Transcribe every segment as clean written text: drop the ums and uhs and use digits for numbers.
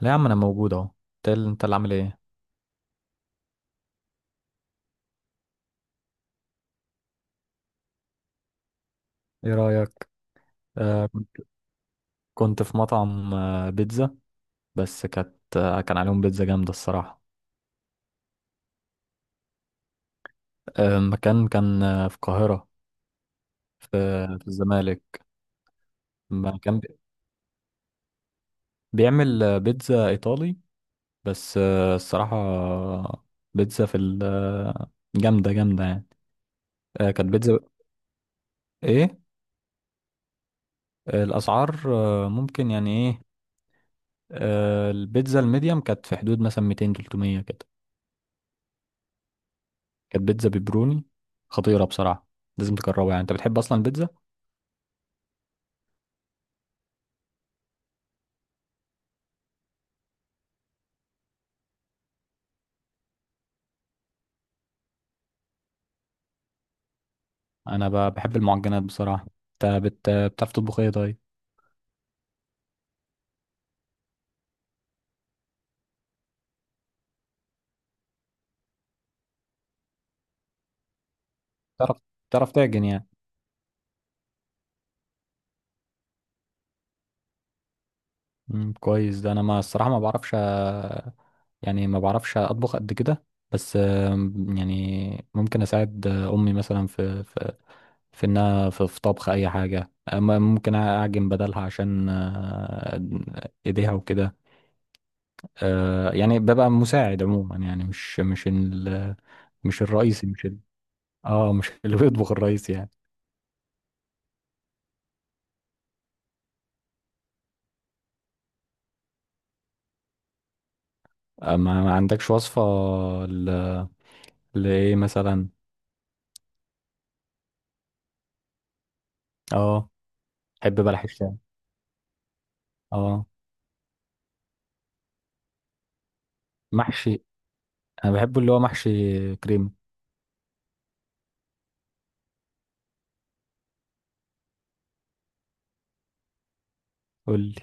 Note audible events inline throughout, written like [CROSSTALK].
لا يا عم، انا موجود اهو. انت إيه اللي انت اللي عامل ايه؟ ايه رايك؟ كنت، كنت في مطعم بيتزا. بس كانت كان عليهم بيتزا جامده الصراحه. مكان كان في القاهره، في, في الزمالك. مكان بي- بيعمل بيتزا ايطالي. بس الصراحه بيتزا في ال- آه، جامده يعني. كانت بيتزا، ايه؟ الاسعار ممكن يعني ايه. البيتزا الميديم كانت في حدود مثلا 200 300 كده. كانت بيتزا بيبروني خطيرة بصراحة. لازم تجربها، يعني انت بتحب اصلا البيتزا؟ انا بحب المعجنات بصراحة. انت بتعرف تطبخ ايه طيب؟ بتعرف، بتعرف تعجن يعني؟ مم، كويس ده. انا ما الصراحة ما بعرفش، يعني ما بعرفش اطبخ قد كده. بس يعني ممكن اساعد امي مثلا في انها في طبخ اي حاجة. ممكن اعجن بدلها عشان ايديها وكده. يعني ببقى مساعد عموما، يعني مش ال، مش الرئيسي، مش ال اه مش [LAUGHS] اللي بيطبخ الرئيسي يعني. ما عندكش وصفة ل... لإيه مثلا؟ اه. بحب بلح الشام. اه، محشي. انا بحبه اللي هو محشي كريم. قول لي.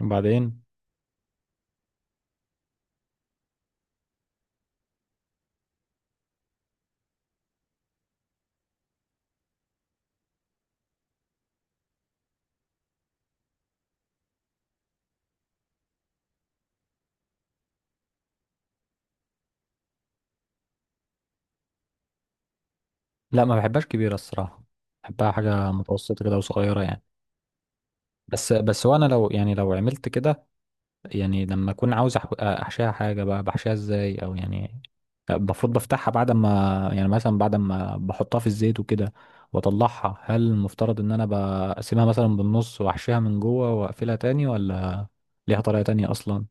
وبعدين؟ لا، ما بحبهاش كبيرة الصراحة. بحبها حاجة متوسطة كده وصغيرة يعني. بس وانا لو، يعني لو عملت كده، يعني لما اكون عاوز احشيها حاجه بقى، بحشيها ازاي؟ او يعني المفروض بفتحها بعد ما، يعني مثلا بعد ما بحطها في الزيت وكده واطلعها، هل المفترض ان انا بقسمها مثلا بالنص واحشيها من جوه واقفلها تاني، ولا ليها طريقه تانية اصلا؟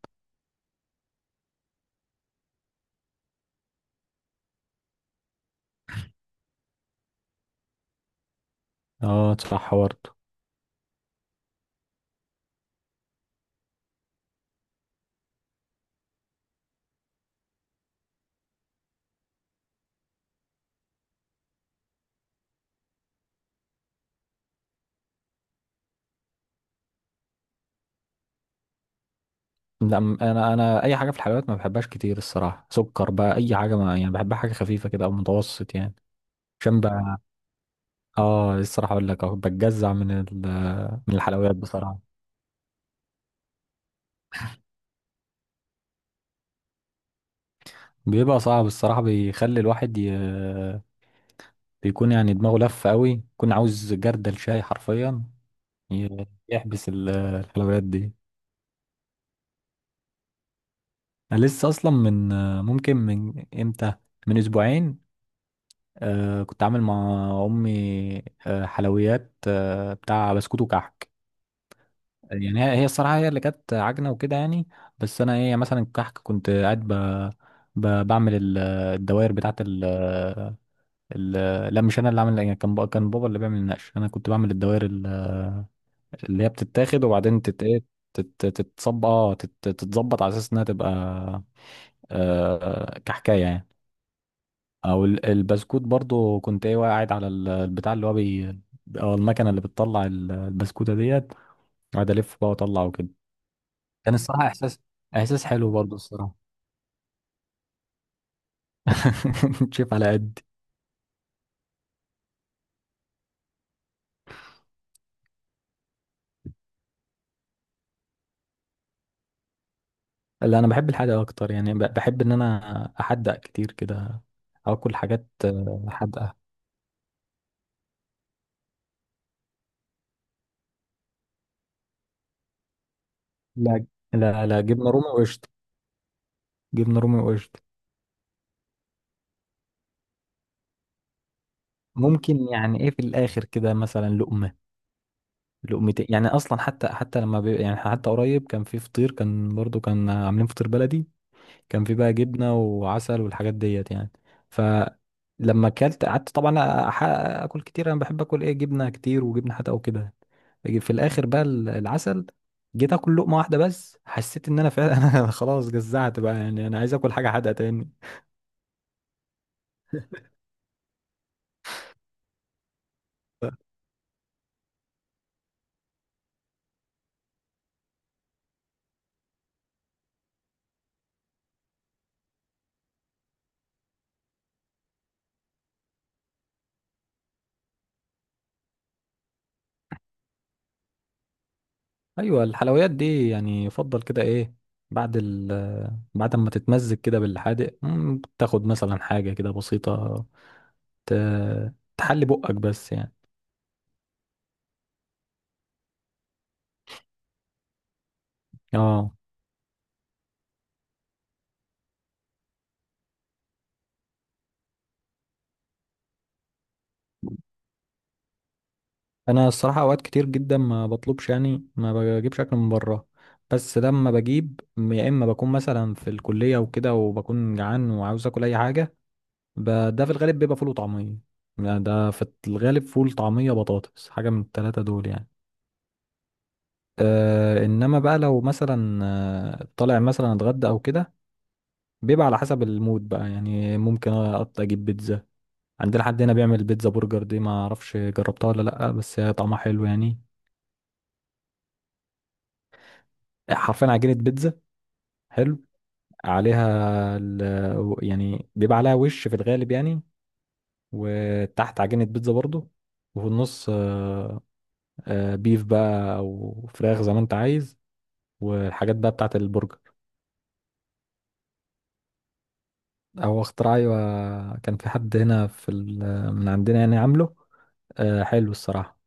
اه صح برضه. لا، انا اي حاجه في الحلويات ما بحبهاش كتير الصراحه. سكر بقى اي حاجه، ما يعني بحبها حاجه خفيفه كده او متوسط يعني. عشان بقى، اه الصراحه اقول لك أهو، بتجزع من الحلويات بصراحه. بيبقى صعب الصراحة. بيخلي الواحد بيكون يعني دماغه لف قوي، يكون عاوز جردل شاي حرفيا يحبس الحلويات دي. أنا لسه أصلا من، ممكن من إمتى، من أسبوعين. كنت عامل مع أمي حلويات بتاع بسكوت وكحك. يعني هي الصراحة هي اللي كانت عجنة وكده يعني. بس أنا هي مثلا الكحك كنت قاعد بعمل الدوائر بتاعة لا، مش انا اللي عامل العجينه، كان بقى كان بابا اللي بيعمل النقش. انا كنت بعمل الدوائر اللي هي بتتاخد وبعدين تتصب. اه تتظبط على اساس انها تبقى كحكايه يعني. او البسكوت برضو، كنت ايه قاعد على البتاع اللي هو بي، او المكنه اللي بتطلع البسكوته ديت، قاعد الف بقى واطلع وكده. كان الصراحه احساس، احساس حلو برضو الصراحه. [LAUGHS] شايف على قد. لا انا بحب الحادق اكتر، يعني بحب ان انا احدق كتير كده، اكل حاجات حادقه. لا، لا جبنة رومي وقشطة. جبنة رومي وقشطة. ممكن يعني ايه في الاخر كده مثلا لقمة لقمتين يعني، اصلا حتى، حتى لما بي يعني، حتى قريب كان في فطير، كان برضو كان عاملين فطير بلدي، كان في بقى جبنة وعسل والحاجات ديت يعني. فلما اكلت قعدت طبعا، أح- اكل كتير. انا بحب اكل ايه، جبنة كتير وجبنة حتى وكده. في الاخر بقى العسل، جيت اكل لقمة واحدة بس، حسيت ان انا فعلا [LAUGHS] انا خلاص جزعت بقى. يعني انا عايز اكل حاجة حادقة تاني. ايوه الحلويات دي يعني يفضل كده ايه، بعد ال، بعد ما تتمزج كده بالحادق، مم، تاخد مثلا حاجه كده بسيطه ت... تحلي بقك بس يعني. اه انا الصراحه اوقات كتير جدا ما بطلبش، يعني ما بجيبش اكل من بره. بس لما بجيب، يا اما بكون مثلا في الكليه وكده وبكون جعان وعاوز اكل اي حاجه، ب... ده في الغالب بيبقى فول وطعميه. يعني ده في الغالب فول طعميه بطاطس، حاجه من الثلاثه دول يعني. انما بقى لو مثلا طالع مثلا اتغدى او كده، بيبقى على حسب المود بقى يعني. ممكن اقطع اجيب بيتزا. عندنا حد هنا بيعمل بيتزا برجر دي، ما اعرفش جربتها ولا لا، بس هي طعمها حلو يعني. حرفيا عجينة بيتزا. حلو. عليها ال... يعني بيبقى عليها وش في الغالب يعني، وتحت عجينة بيتزا برضو، وفي النص بيف بقى او فراخ زي ما انت عايز، والحاجات بقى بتاعت البرجر. هو اختراع، ايوه كان في حد هنا في من عندنا يعني عامله. حلو الصراحه.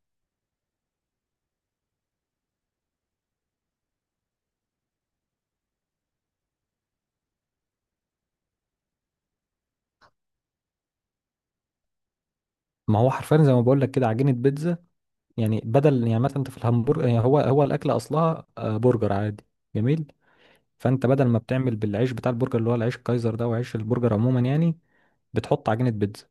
ما هو حرفيا زي ما بقول لك كده، عجينه بيتزا. يعني بدل، يعني مثلا انت في الهمبرجر يعني، هو الاكل اصلها برجر عادي. جميل. فانت بدل ما بتعمل بالعيش بتاع البرجر اللي هو العيش الكايزر ده وعيش البرجر عموما يعني، بتحط عجينه بيتزا.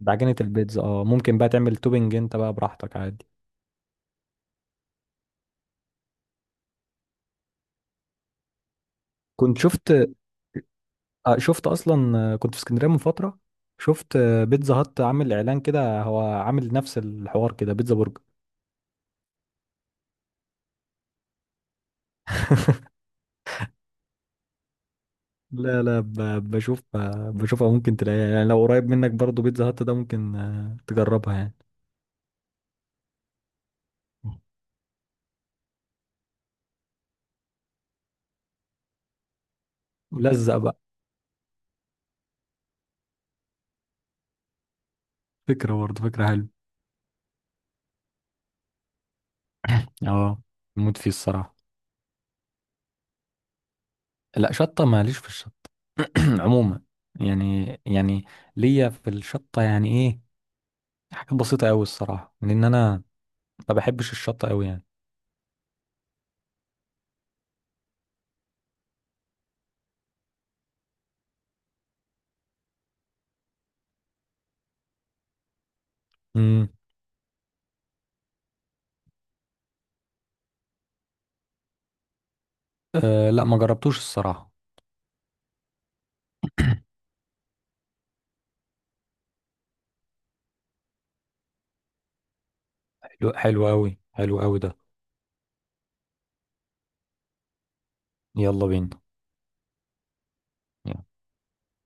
بعجينه البيتزا اه، ممكن بقى تعمل توبنج انت بقى براحتك عادي. كنت شفت، شفت اصلا، كنت في اسكندريه من فتره، شفت بيتزا هات عامل اعلان كده، هو عامل نفس الحوار كده، بيتزا برجر. [LAUGHS] لا لا، بشوف، بشوفها ممكن تلاقيها يعني. لو قريب منك برضو بيتزا هات ده، ممكن تجربها يعني. لزق بقى. فكرة برضه، فكرة حلوة. اه، موت فيه الصراحة. لا شطة، ماليش في الشطة. [CLEARS THROAT] عموما يعني، يعني ليا في الشطة يعني ايه، حاجات بسيطة قوي الصراحة، لان انا ما بحبش الشطة قوي يعني. امم. أه لا، ما جربتوش الصراحة. حلو قوي، حلو قوي ده. يلا بينا. يلا.